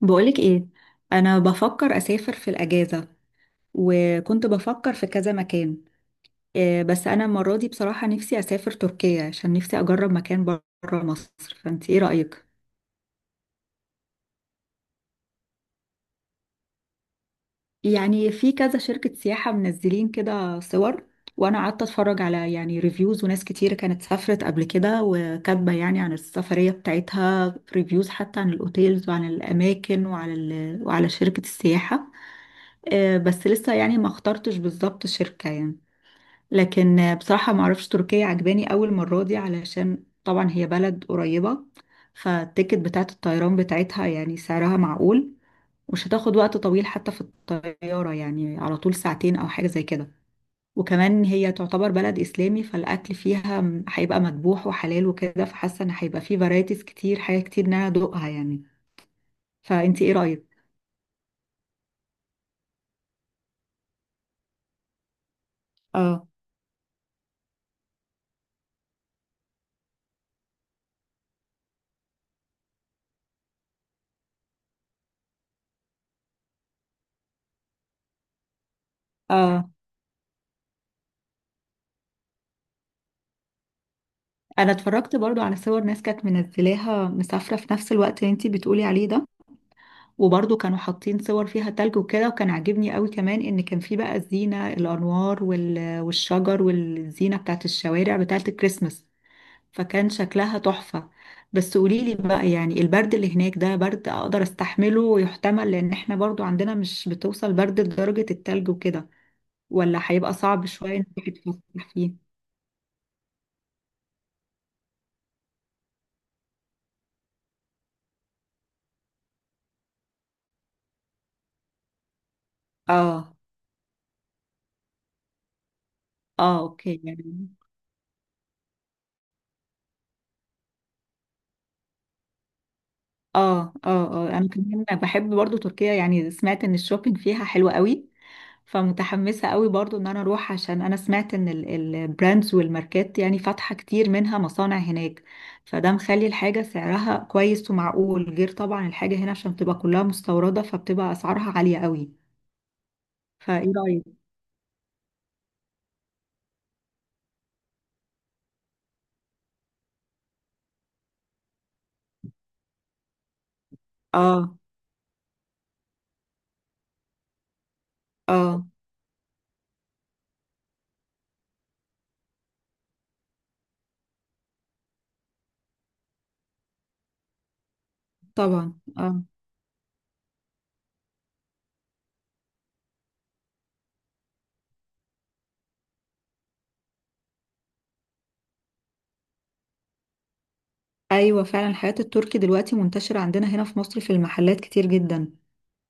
بقولك ايه. انا بفكر اسافر في الاجازة، وكنت بفكر في كذا مكان. إيه بس انا المرة دي بصراحة نفسي اسافر تركيا عشان نفسي اجرب مكان بره مصر، فانت ايه رأيك؟ يعني في كذا شركة سياحة منزلين كده صور، وانا قعدت اتفرج على يعني ريفيوز، وناس كتير كانت سافرت قبل كده وكاتبة يعني عن السفرية بتاعتها ريفيوز، حتى عن الاوتيلز وعن الاماكن وعلى شركة السياحة. إيه بس لسه يعني ما اخترتش بالظبط شركة يعني. لكن بصراحة ما اعرفش تركيا عجباني اول مرة دي، علشان طبعا هي بلد قريبة، فالتيكت بتاعة الطيران بتاعتها يعني سعرها معقول، ومش هتاخد وقت طويل حتى في الطيارة، يعني على طول ساعتين او حاجة زي كده. وكمان هي تعتبر بلد اسلامي، فالاكل فيها هيبقى مذبوح وحلال وكده، فحاسة ان هيبقى فيه فرايتيز كتير، حاجة كتير ان انا ادوقها يعني. فانتي ايه رأيك؟ اه اه، انا اتفرجت برضو على صور ناس كانت منزلاها مسافرة في نفس الوقت اللي انتي بتقولي عليه ده، وبرضو كانوا حاطين صور فيها تلج وكده، وكان عاجبني قوي كمان ان كان في بقى الزينة، الانوار والشجر والزينة بتاعت الشوارع بتاعت الكريسماس، فكان شكلها تحفة. بس قوليلي بقى، يعني البرد اللي هناك ده برد اقدر استحمله ويحتمل، لان احنا برضو عندنا مش بتوصل برد لدرجة التلج وكده، ولا هيبقى صعب شوية انك تروحي تتفسحي فيه؟ اه اه، اوكي يعني. اه اه اه، انا كمان بحب برضو تركيا. يعني سمعت ان الشوبينج فيها حلو قوي، فمتحمسة قوي برضو ان انا اروح، عشان انا سمعت ان البراندز والماركات يعني فاتحة كتير منها مصانع هناك، فده مخلي الحاجة سعرها كويس ومعقول، غير طبعا الحاجة هنا عشان بتبقى كلها مستوردة فبتبقى اسعارها عالية قوي. فايه رأيك؟ اه اه طبعا. اه، ايوه فعلا. الحاجات التركي دلوقتي منتشرة عندنا هنا في مصر في المحلات كتير جدا،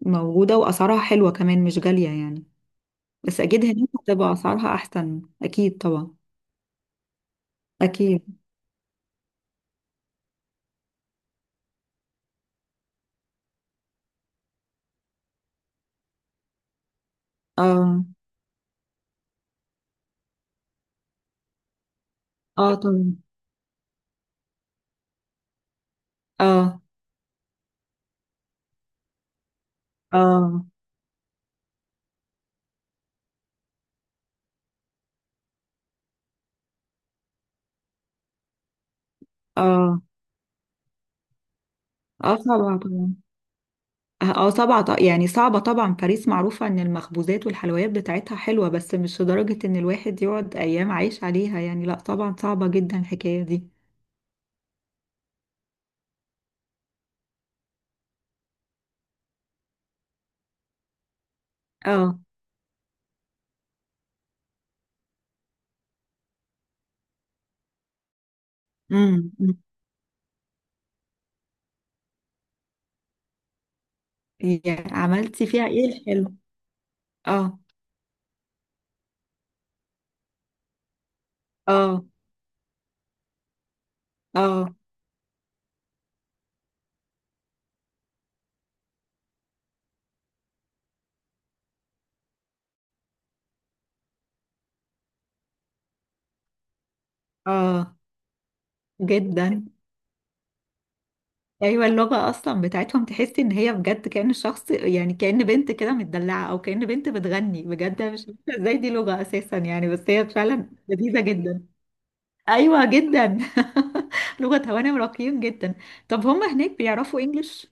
موجودة واسعارها حلوة كمان، مش غالية يعني. بس اكيد هناك هتبقى اسعارها احسن، اكيد طبعا. اكيد. اه اه طبعا. اه اه اه، اه طبعا، طبعا اه آه، طبعا يعني صعبة طبعا، باريس معروفة ان المخبوزات والحلويات بتاعتها حلوة، بس مش لدرجة ان الواحد يقعد ايام عايش عليها يعني. لا طبعا، صعبة جدا الحكاية دي. اه. أمم. يعني عملتي فيها ايه الحلو؟ اه. اه. اه. اه جدا. ايوه، اللغه اصلا بتاعتهم تحسي ان هي بجد كأن الشخص، يعني كأن بنت كده متدلعه، او كأن بنت بتغني بجد. أنا مش عارفه ازاي دي لغه اساسا يعني، بس هي فعلا لذيذه جدا. ايوه جدا. لغه هوانم راقيين جدا. طب هم هناك بيعرفوا انجلش؟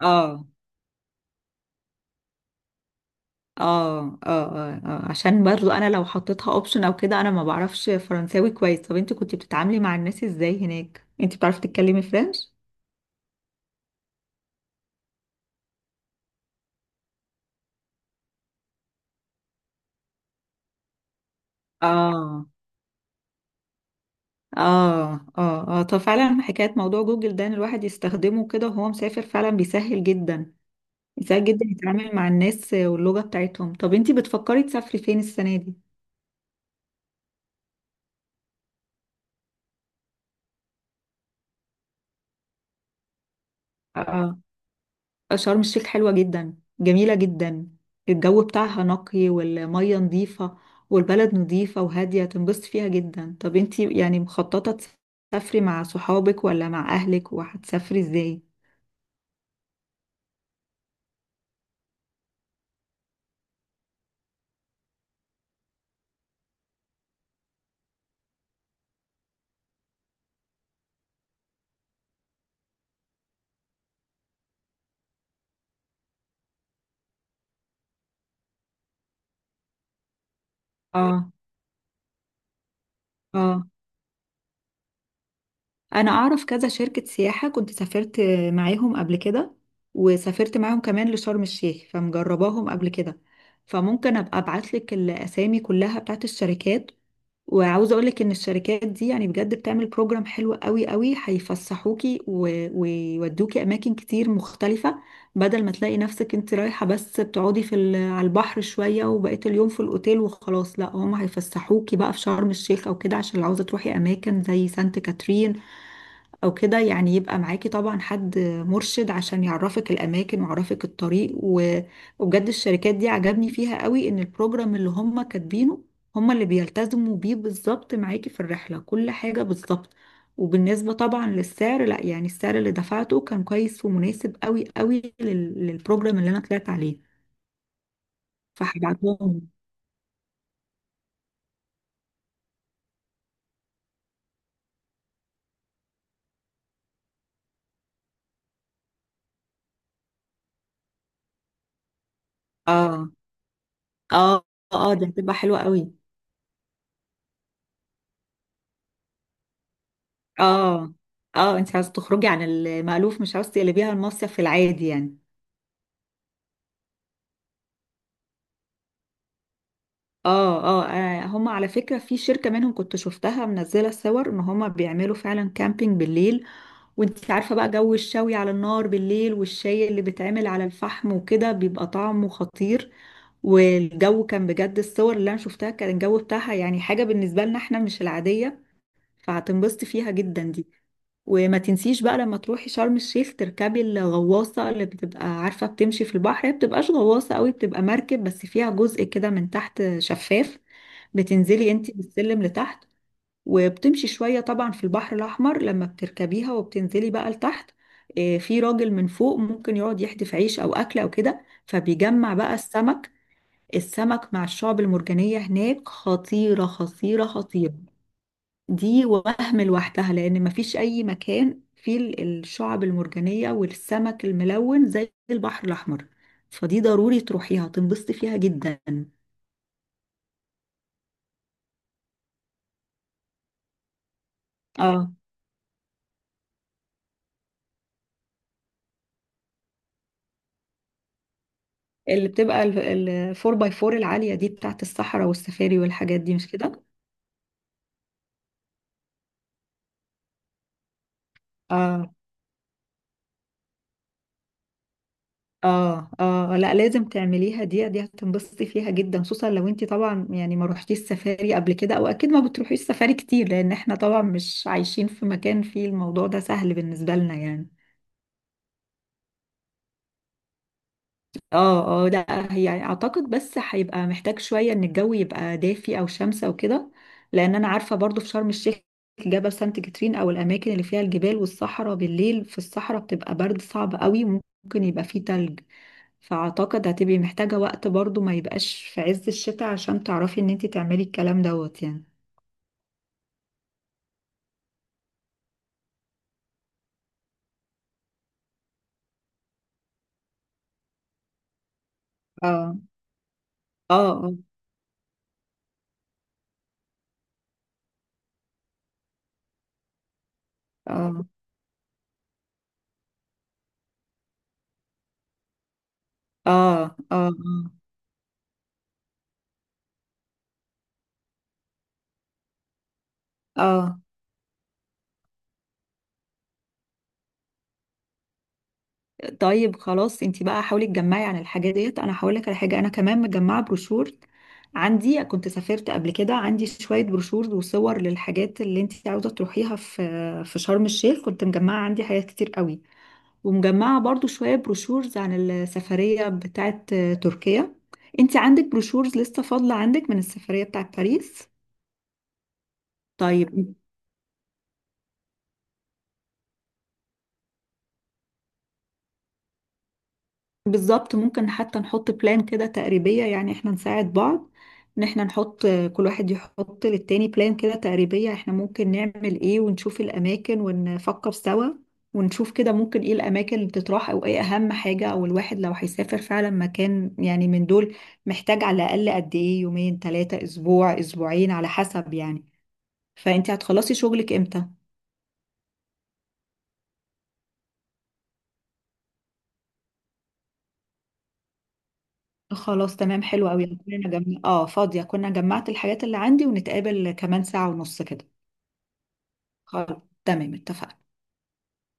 اه اه. اه اه آه. عشان برضو انا لو حطيتها اوبشن او كده، انا ما بعرفش فرنساوي كويس. طب انت كنت بتتعاملي مع الناس ازاي هناك؟ انت بتعرفي تتكلمي فرنش؟ اه. اه. اه اه. طب فعلا حكاية موضوع جوجل ده، ان الواحد يستخدمه كده وهو مسافر، فعلا بيسهل جدا. بيسهل جدا يتعامل مع الناس واللغة بتاعتهم. طب انتي بتفكري تسافري فين السنة دي؟ اه. شرم الشيخ حلوة جدا، جميلة جدا. الجو بتاعها نقي، والمية نظيفة، والبلد نظيفة وهادية، تنبسطي فيها جدا. طب انتي يعني مخططة تسافري مع صحابك ولا مع اهلك، وهتسافري ازاي؟ اه. اه. انا اعرف كذا شركة سياحة كنت سافرت معاهم قبل كده، وسافرت معاهم كمان لشرم الشيخ فمجرباهم قبل كده، فممكن ابقى ابعت لك الاسامي كلها بتاعت الشركات. وعاوزه اقول لك ان الشركات دي يعني بجد بتعمل بروجرام حلو قوي قوي، هيفسحوكي ويودوكي اماكن كتير مختلفة، بدل ما تلاقي نفسك انت رايحة بس بتقعدي في على البحر شوية، وبقيت اليوم في الاوتيل وخلاص. لا، هم هيفسحوكي بقى في شرم الشيخ او كده، عشان لو عاوزة تروحي اماكن زي سانت كاترين او كده، يعني يبقى معاكي طبعا حد مرشد عشان يعرفك الاماكن ويعرفك الطريق وبجد الشركات دي عجبني فيها قوي ان البروجرام اللي هم كاتبينه هم اللي بيلتزموا بيه بالظبط معاكي في الرحلة، كل حاجة بالظبط. وبالنسبة طبعا للسعر، لا يعني السعر اللي دفعته كان كويس ومناسب قوي قوي للبروجرام اللي انا طلعت عليه. فهبعتهم. اه اه اه، دي هتبقى حلوة قوي. اه. اه انت عايزة تخرجي عن المألوف، مش عاوزة تقلبيها المصيف في العادي يعني. اه اه، آه، هم على فكرة في شركة منهم كنت شفتها منزلة الصور، ان هم بيعملوا فعلا كامبينج بالليل، وانت عارفة بقى جو الشوي على النار بالليل، والشاي اللي بيتعمل على الفحم وكده بيبقى طعمه خطير، والجو كان بجد، الصور اللي انا شفتها كان الجو بتاعها يعني حاجة بالنسبة لنا احنا مش العادية، فهتنبسطي فيها جدا دي. وما تنسيش بقى لما تروحي شرم الشيخ تركبي الغواصة، اللي بتبقى عارفة بتمشي في البحر، هي بتبقاش غواصة قوي، بتبقى مركب بس فيها جزء كده من تحت شفاف، بتنزلي انتي بالسلم لتحت، وبتمشي شوية طبعا في البحر الأحمر لما بتركبيها، وبتنزلي بقى لتحت. آه، في راجل من فوق ممكن يقعد يحدف عيش أو أكل أو كده، فبيجمع بقى السمك. السمك مع الشعب المرجانية هناك خطيرة خطيرة خطيرة. دي وهم لوحدها، لان مفيش اي مكان فيه الشعب المرجانيه والسمك الملون زي البحر الاحمر، فدي ضروري تروحيها، تنبسطي فيها جدا. اه، اللي بتبقى الفور باي فور العاليه دي بتاعت الصحراء والسفاري والحاجات دي، مش كده؟ اه اه اه، لا لازم تعمليها دي، دي هتنبسطي فيها جدا، خصوصا لو انت طبعا يعني ما روحتيش السفاري قبل كده، او اكيد ما بتروحيش السفاري كتير لان احنا طبعا مش عايشين في مكان فيه الموضوع ده سهل بالنسبه لنا يعني. اه اه، لا هي يعني اعتقد بس هيبقى محتاج شوية ان الجو يبقى دافي او شمسة وكده، لان انا عارفة برضو في شرم الشيخ جبل سانت كاترين، او الاماكن اللي فيها الجبال والصحراء، بالليل في الصحراء بتبقى برد صعب قوي وممكن يبقى فيه تلج، فاعتقد هتبقي محتاجة وقت برضو، ما يبقاش في عز الشتاء، عشان تعرفي ان انتي تعملي الكلام دوت يعني. اه. اه. اه. اه. اه. اه. اه. طيب خلاص، انتي بقى حاولي تجمعي عن الحاجات ديت، انا هقول لك على حاجه، انا كمان مجمعه بروشور عندي، كنت سافرت قبل كده، عندي شويه بروشور وصور للحاجات اللي انتي عاوزه تروحيها في في شرم الشيخ، كنت مجمعه عندي حاجات كتير قوي، ومجمعه برضو شويه بروشورز عن السفريه بتاعه تركيا. انتي عندك بروشورز لسه فاضله عندك من السفريه بتاعه باريس؟ طيب. بالظبط، ممكن حتى نحط بلان كده تقريبية، يعني احنا نساعد بعض، ان احنا نحط، كل واحد يحط للتاني بلان كده تقريبية احنا ممكن نعمل ايه، ونشوف الاماكن ونفكر سوا، ونشوف كده ممكن ايه الاماكن اللي تطرح، او ايه اهم حاجة، او الواحد لو هيسافر فعلا مكان يعني من دول محتاج على الاقل قد ايه، يومين ثلاثة اسبوع اسبوعين على حسب يعني. فانت هتخلصي شغلك امتى؟ خلاص تمام، حلو قوي. اه فاضية، كنا جمعت الحاجات اللي عندي، ونتقابل كمان ساعة ونص كده. خلاص تمام، اتفقنا.